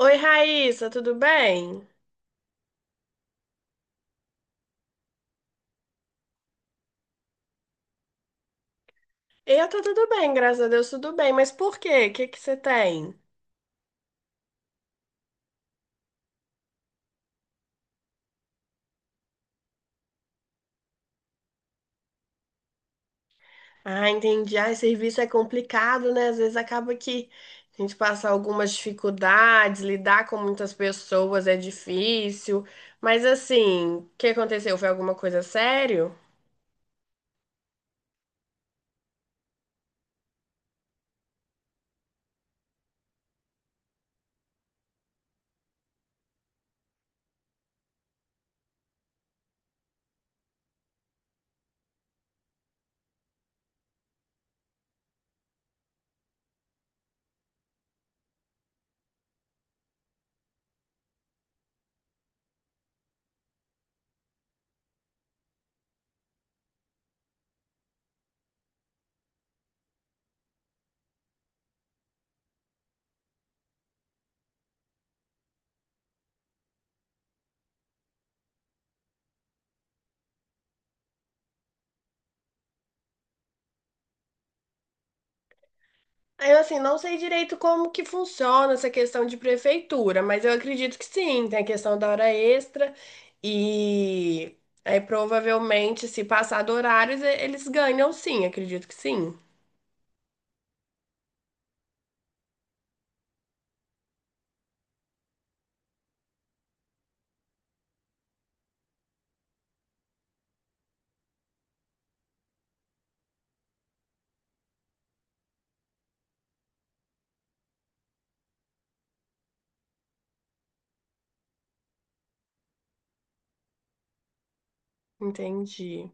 Oi, Raíssa, tudo bem? Eu tô tudo bem, graças a Deus, tudo bem. Mas por quê? O que que você tem? Ah, entendi. Ah, serviço é complicado, né? Às vezes acaba que a gente passa algumas dificuldades, lidar com muitas pessoas é difícil. Mas assim, o que aconteceu? Foi alguma coisa sério? Eu, assim, não sei direito como que funciona essa questão de prefeitura, mas eu acredito que sim, tem a questão da hora extra e aí provavelmente se passar do horário, eles ganham sim, acredito que sim. Entendi.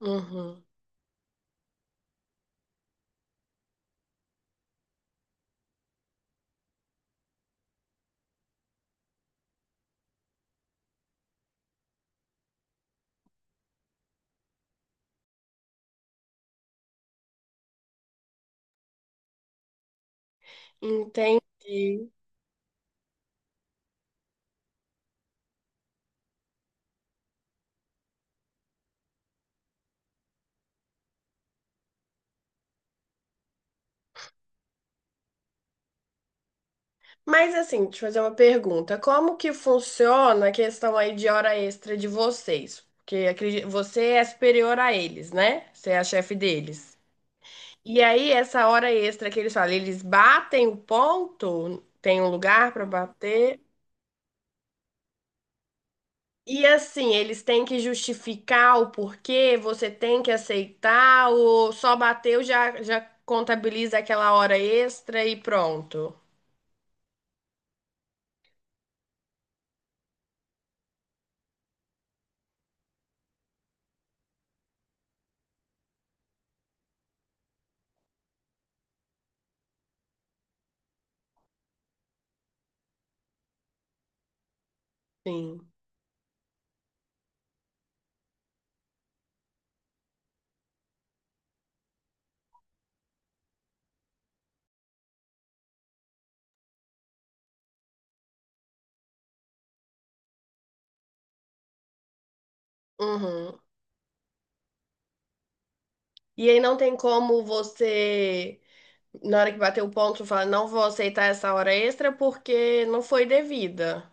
Uhum. Entendi. Mas assim, deixa eu fazer uma pergunta. Como que funciona a questão aí de hora extra de vocês? Porque você é superior a eles, né? Você é a chefe deles. E aí, essa hora extra que eles falam, eles batem o ponto, tem um lugar para bater. E assim, eles têm que justificar o porquê, você tem que aceitar, ou só bateu já, já contabiliza aquela hora extra e pronto. Sim. Uhum. E aí não tem como você, na hora que bater o ponto, falar, não vou aceitar essa hora extra porque não foi devida.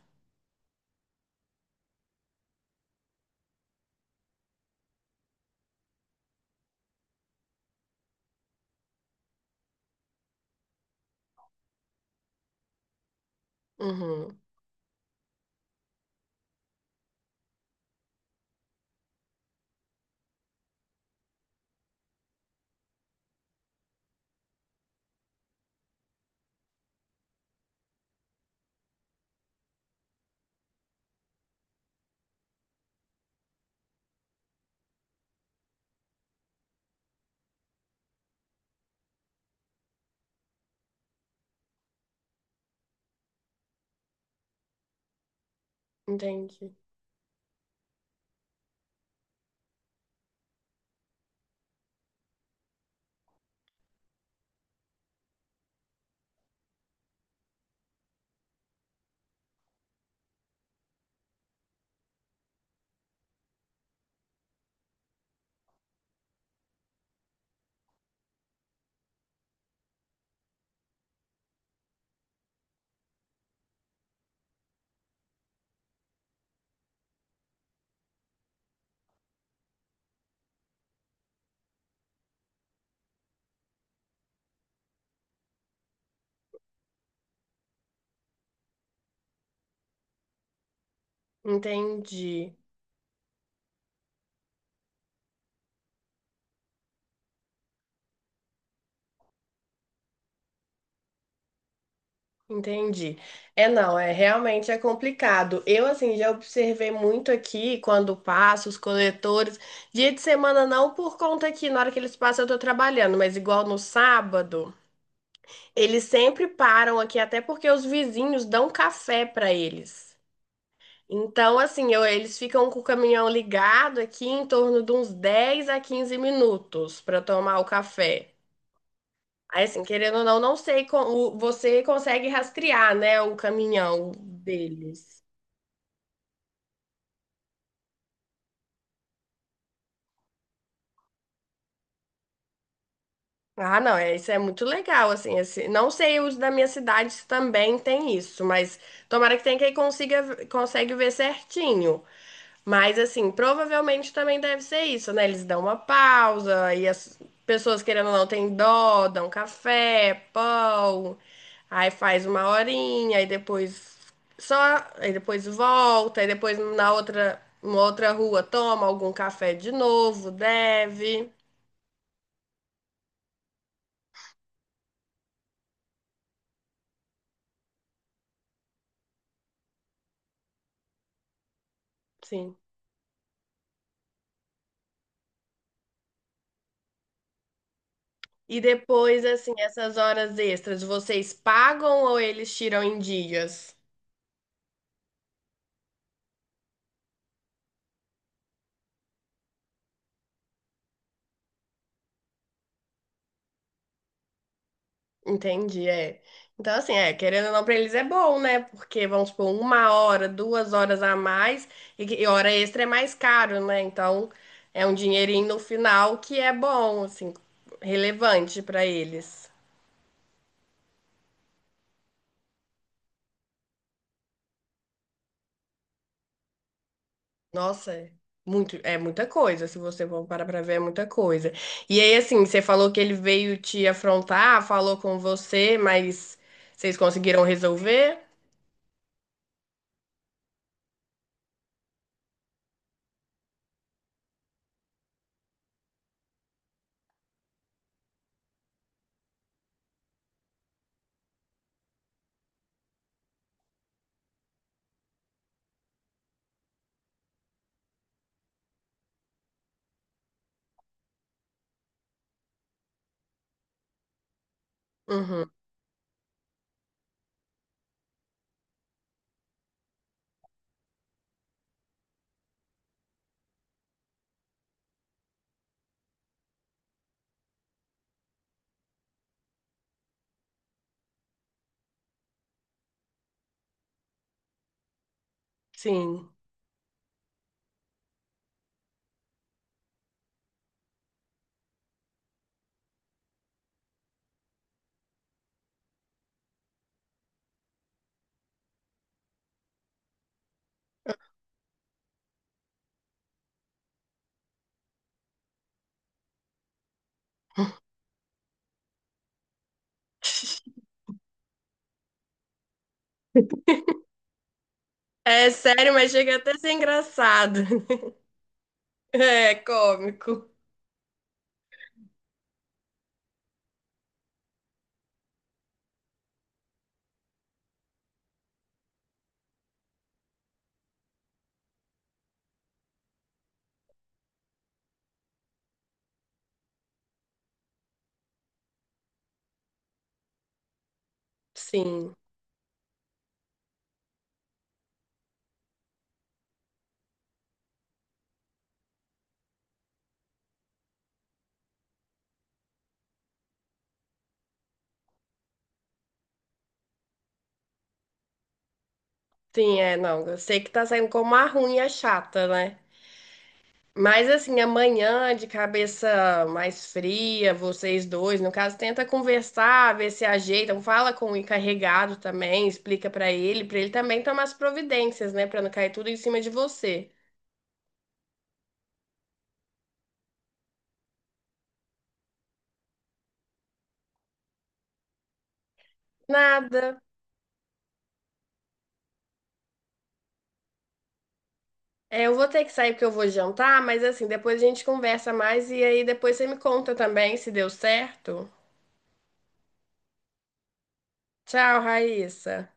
Uhum. Entendi. Entendi. Entendi. É, não, é realmente é complicado. Eu, assim, já observei muito aqui quando passo os coletores. Dia de semana não, por conta que na hora que eles passam eu tô trabalhando, mas igual no sábado, eles sempre param aqui, até porque os vizinhos dão café pra eles. Então, assim, eles ficam com o caminhão ligado aqui em torno de uns 10 a 15 minutos pra tomar o café. Aí, assim, querendo ou não, não sei como você consegue rastrear, né, o caminhão deles. Ah, não, é, isso é muito legal, assim, esse, não sei os da minha cidade se também tem isso, mas tomara que tenha quem consiga, consegue ver certinho. Mas assim, provavelmente também deve ser isso, né? Eles dão uma pausa e as pessoas querendo ou não têm dó, dão café, pão, aí faz uma horinha, aí depois só, aí depois volta, aí depois na outra, uma outra rua toma algum café de novo, deve. Sim. E depois, assim, essas horas extras, vocês pagam ou eles tiram em dias? Entendi, é. Então, assim, é, querendo ou não, pra eles é bom, né? Porque, vamos supor, uma hora, duas horas a mais, e, e hora extra é mais caro, né? Então, é um dinheirinho no final que é bom, assim, relevante pra eles. Nossa, é muito, é muita coisa, se você for parar pra ver, é muita coisa. E aí, assim, você falou que ele veio te afrontar, falou com você, mas vocês conseguiram resolver? Uhum, sim. É sério, mas chega até a ser engraçado. É cômico. Sim, sim, é, não. Eu sei que tá saindo como a ruim e a chata, né? Mas assim, amanhã, de cabeça mais fria, vocês dois, no caso, tenta conversar, ver se ajeitam, fala com o encarregado também, explica pra ele também tomar as providências, né, pra não cair tudo em cima de você. Nada. É, eu vou ter que sair porque eu vou jantar, mas assim, depois a gente conversa mais e aí depois você me conta também se deu certo. Tchau, Raíssa.